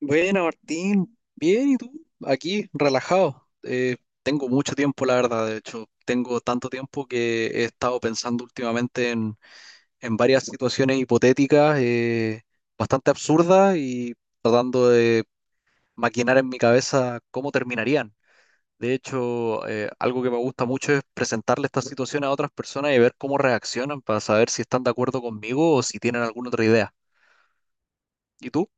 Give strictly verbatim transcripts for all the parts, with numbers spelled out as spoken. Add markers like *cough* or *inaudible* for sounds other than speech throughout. Buena, Martín. Bien, ¿y tú? Aquí, relajado. Eh, tengo mucho tiempo, la verdad. De hecho, tengo tanto tiempo que he estado pensando últimamente en, en varias situaciones hipotéticas, eh, bastante absurdas y tratando de maquinar en mi cabeza cómo terminarían. De hecho, eh, algo que me gusta mucho es presentarle estas situaciones a otras personas y ver cómo reaccionan para saber si están de acuerdo conmigo o si tienen alguna otra idea. ¿Y tú?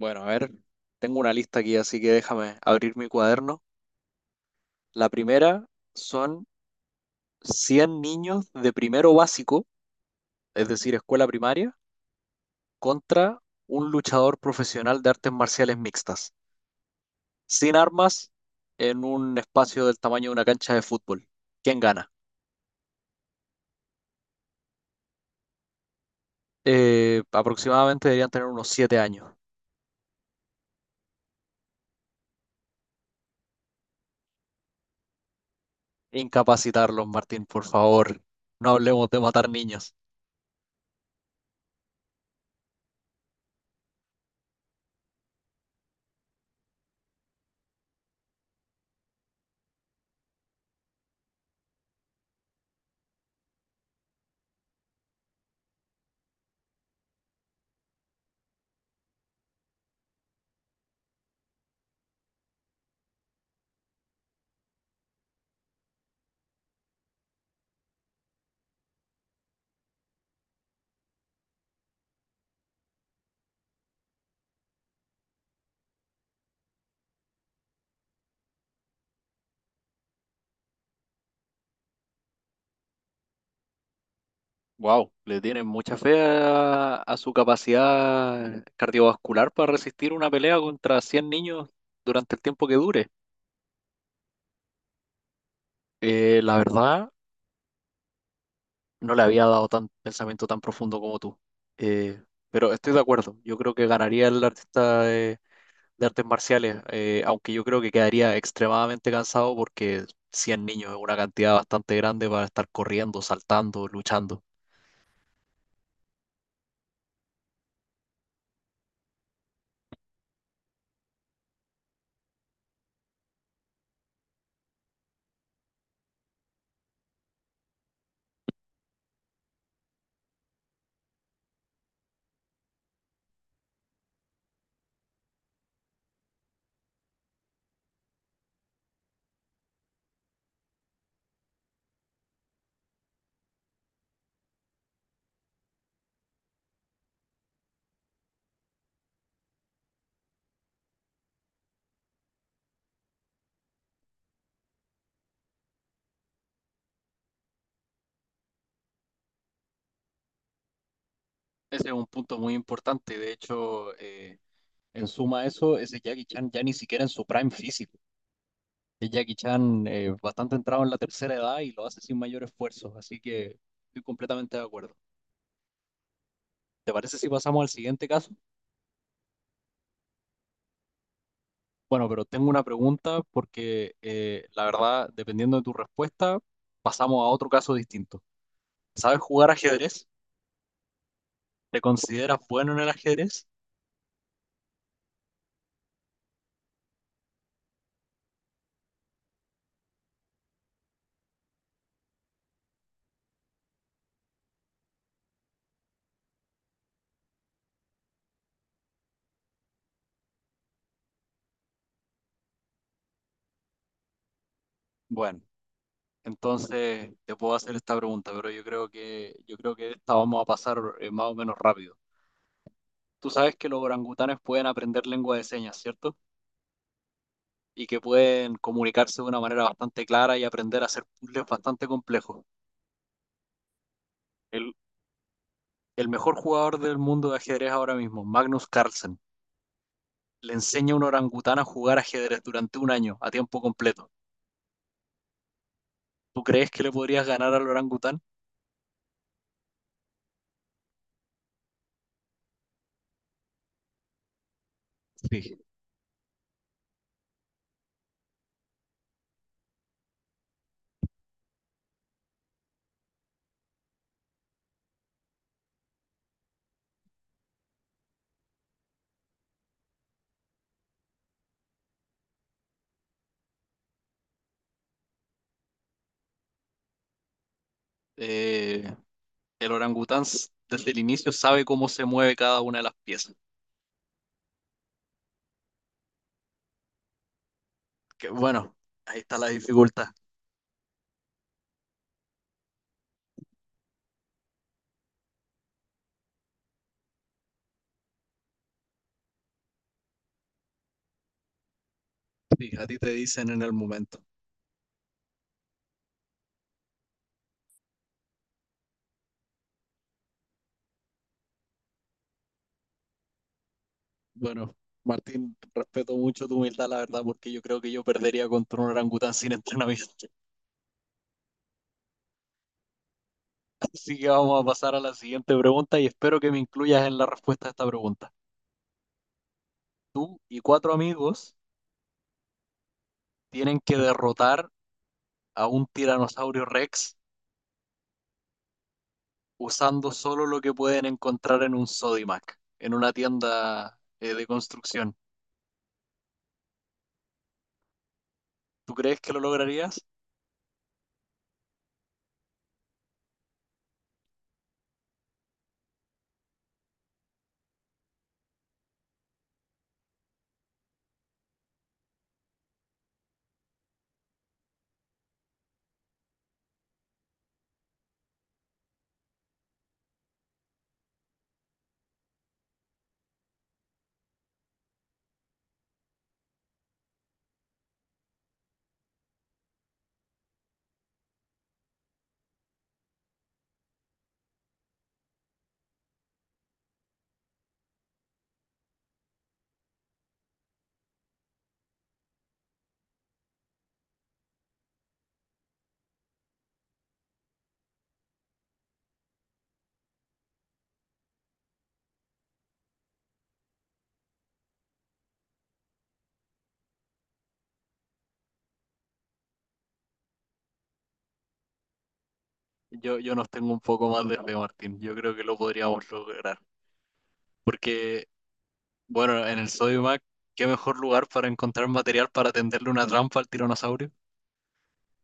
Bueno, a ver, tengo una lista aquí, así que déjame abrir mi cuaderno. La primera son cien niños de primero básico, es decir, escuela primaria, contra un luchador profesional de artes marciales mixtas, sin armas, en un espacio del tamaño de una cancha de fútbol. ¿Quién gana? Eh, aproximadamente deberían tener unos siete años. Incapacitarlos, Martín, por favor. No hablemos de matar niños. Wow, le tienen mucha fe a, a su capacidad cardiovascular para resistir una pelea contra cien niños durante el tiempo que dure. Eh, la verdad, no le había dado tan pensamiento tan profundo como tú. Eh, pero estoy de acuerdo, yo creo que ganaría el artista de, de artes marciales, eh, aunque yo creo que quedaría extremadamente cansado porque cien niños es una cantidad bastante grande para estar corriendo, saltando, luchando. Ese es un punto muy importante. De hecho, eh, En suma a eso, ese Jackie Chan ya ni siquiera en su prime físico. Es Jackie Chan eh, bastante entrado en la tercera edad y lo hace sin mayor esfuerzo, así que estoy completamente de acuerdo. ¿Te parece si pasamos al siguiente caso? Bueno, pero tengo una pregunta porque eh, la verdad, dependiendo de tu respuesta, pasamos a otro caso distinto. ¿Sabes jugar ajedrez? ¿Te consideras bueno en el ajedrez? Bueno, entonces te puedo hacer esta pregunta, pero yo creo que yo creo que esta vamos a pasar eh, más o menos rápido. Tú sabes que los orangutanes pueden aprender lengua de señas, ¿cierto? Y que pueden comunicarse de una manera bastante clara y aprender a hacer puzzles bastante complejos. El, el mejor jugador del mundo de ajedrez ahora mismo, Magnus Carlsen, le enseña a un orangután a jugar ajedrez durante un año a tiempo completo. ¿Tú crees que le podrías ganar al orangután? Sí. Eh, el orangután s- desde el inicio sabe cómo se mueve cada una de las piezas. Que bueno, ahí está la dificultad. Sí, a ti te dicen en el momento. Bueno, Martín, respeto mucho tu humildad, la verdad, porque yo creo que yo perdería contra un orangután sin entrenamiento. *laughs* Así que vamos a pasar a la siguiente pregunta y espero que me incluyas en la respuesta a esta pregunta. Y cuatro amigos tienen que derrotar a un tiranosaurio Rex usando solo lo que pueden encontrar en un Sodimac, en una tienda eh, de construcción. ¿Tú crees que lo lograrías? Yo, yo nos tengo un poco más de fe, Martín. Yo creo que lo podríamos lograr. Porque Bueno, en el Sodimac, ¿qué mejor lugar para encontrar material para tenderle una trampa al tiranosaurio?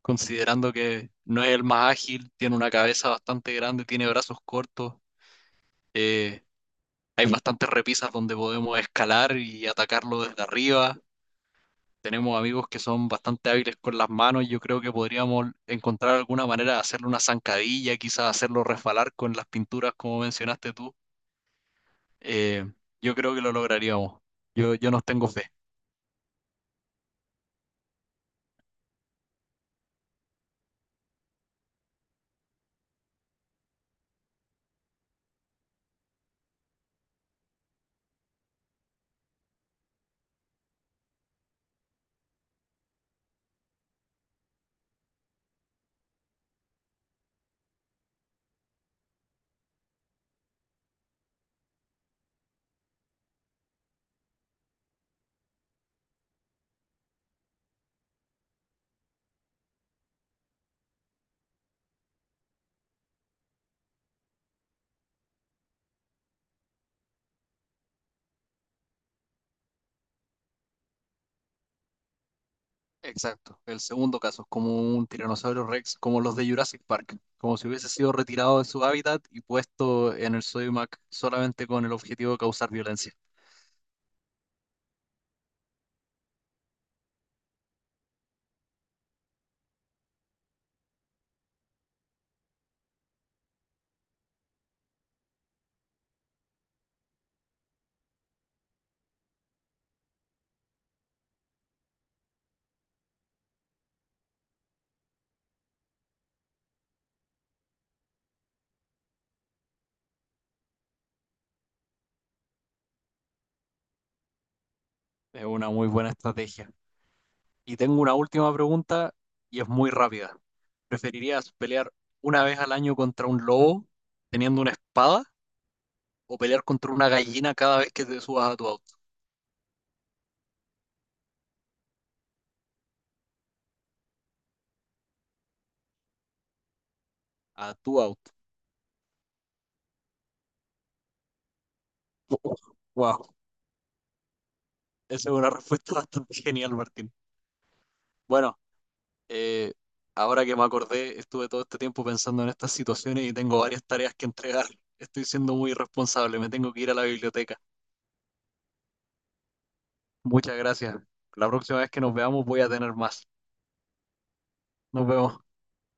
Considerando que no es el más ágil, tiene una cabeza bastante grande, tiene brazos cortos, eh, hay bastantes repisas donde podemos escalar y atacarlo desde arriba. Tenemos amigos que son bastante hábiles con las manos, yo creo que podríamos encontrar alguna manera de hacerle una zancadilla, quizás hacerlo resbalar con las pinturas como mencionaste tú. Eh, yo creo que lo lograríamos. Yo, yo nos tengo fe. Exacto, el segundo caso, como un tiranosaurio rex, como los de Jurassic Park, como si hubiese sido retirado de su hábitat y puesto en el Sodimac solamente con el objetivo de causar violencia. Es una muy buena estrategia. Y tengo una última pregunta y es muy rápida. ¿Preferirías pelear una vez al año contra un lobo teniendo una espada o pelear contra una gallina cada vez que te subas a tu auto? A tu auto. Wow, esa es una respuesta *laughs* bastante genial, Martín. Bueno, Eh, ahora que me acordé, estuve todo este tiempo pensando en estas situaciones y tengo varias tareas que entregar. Estoy siendo muy irresponsable, me tengo que ir a la biblioteca. Muchas gracias. La próxima vez que nos veamos voy a tener más. Nos vemos.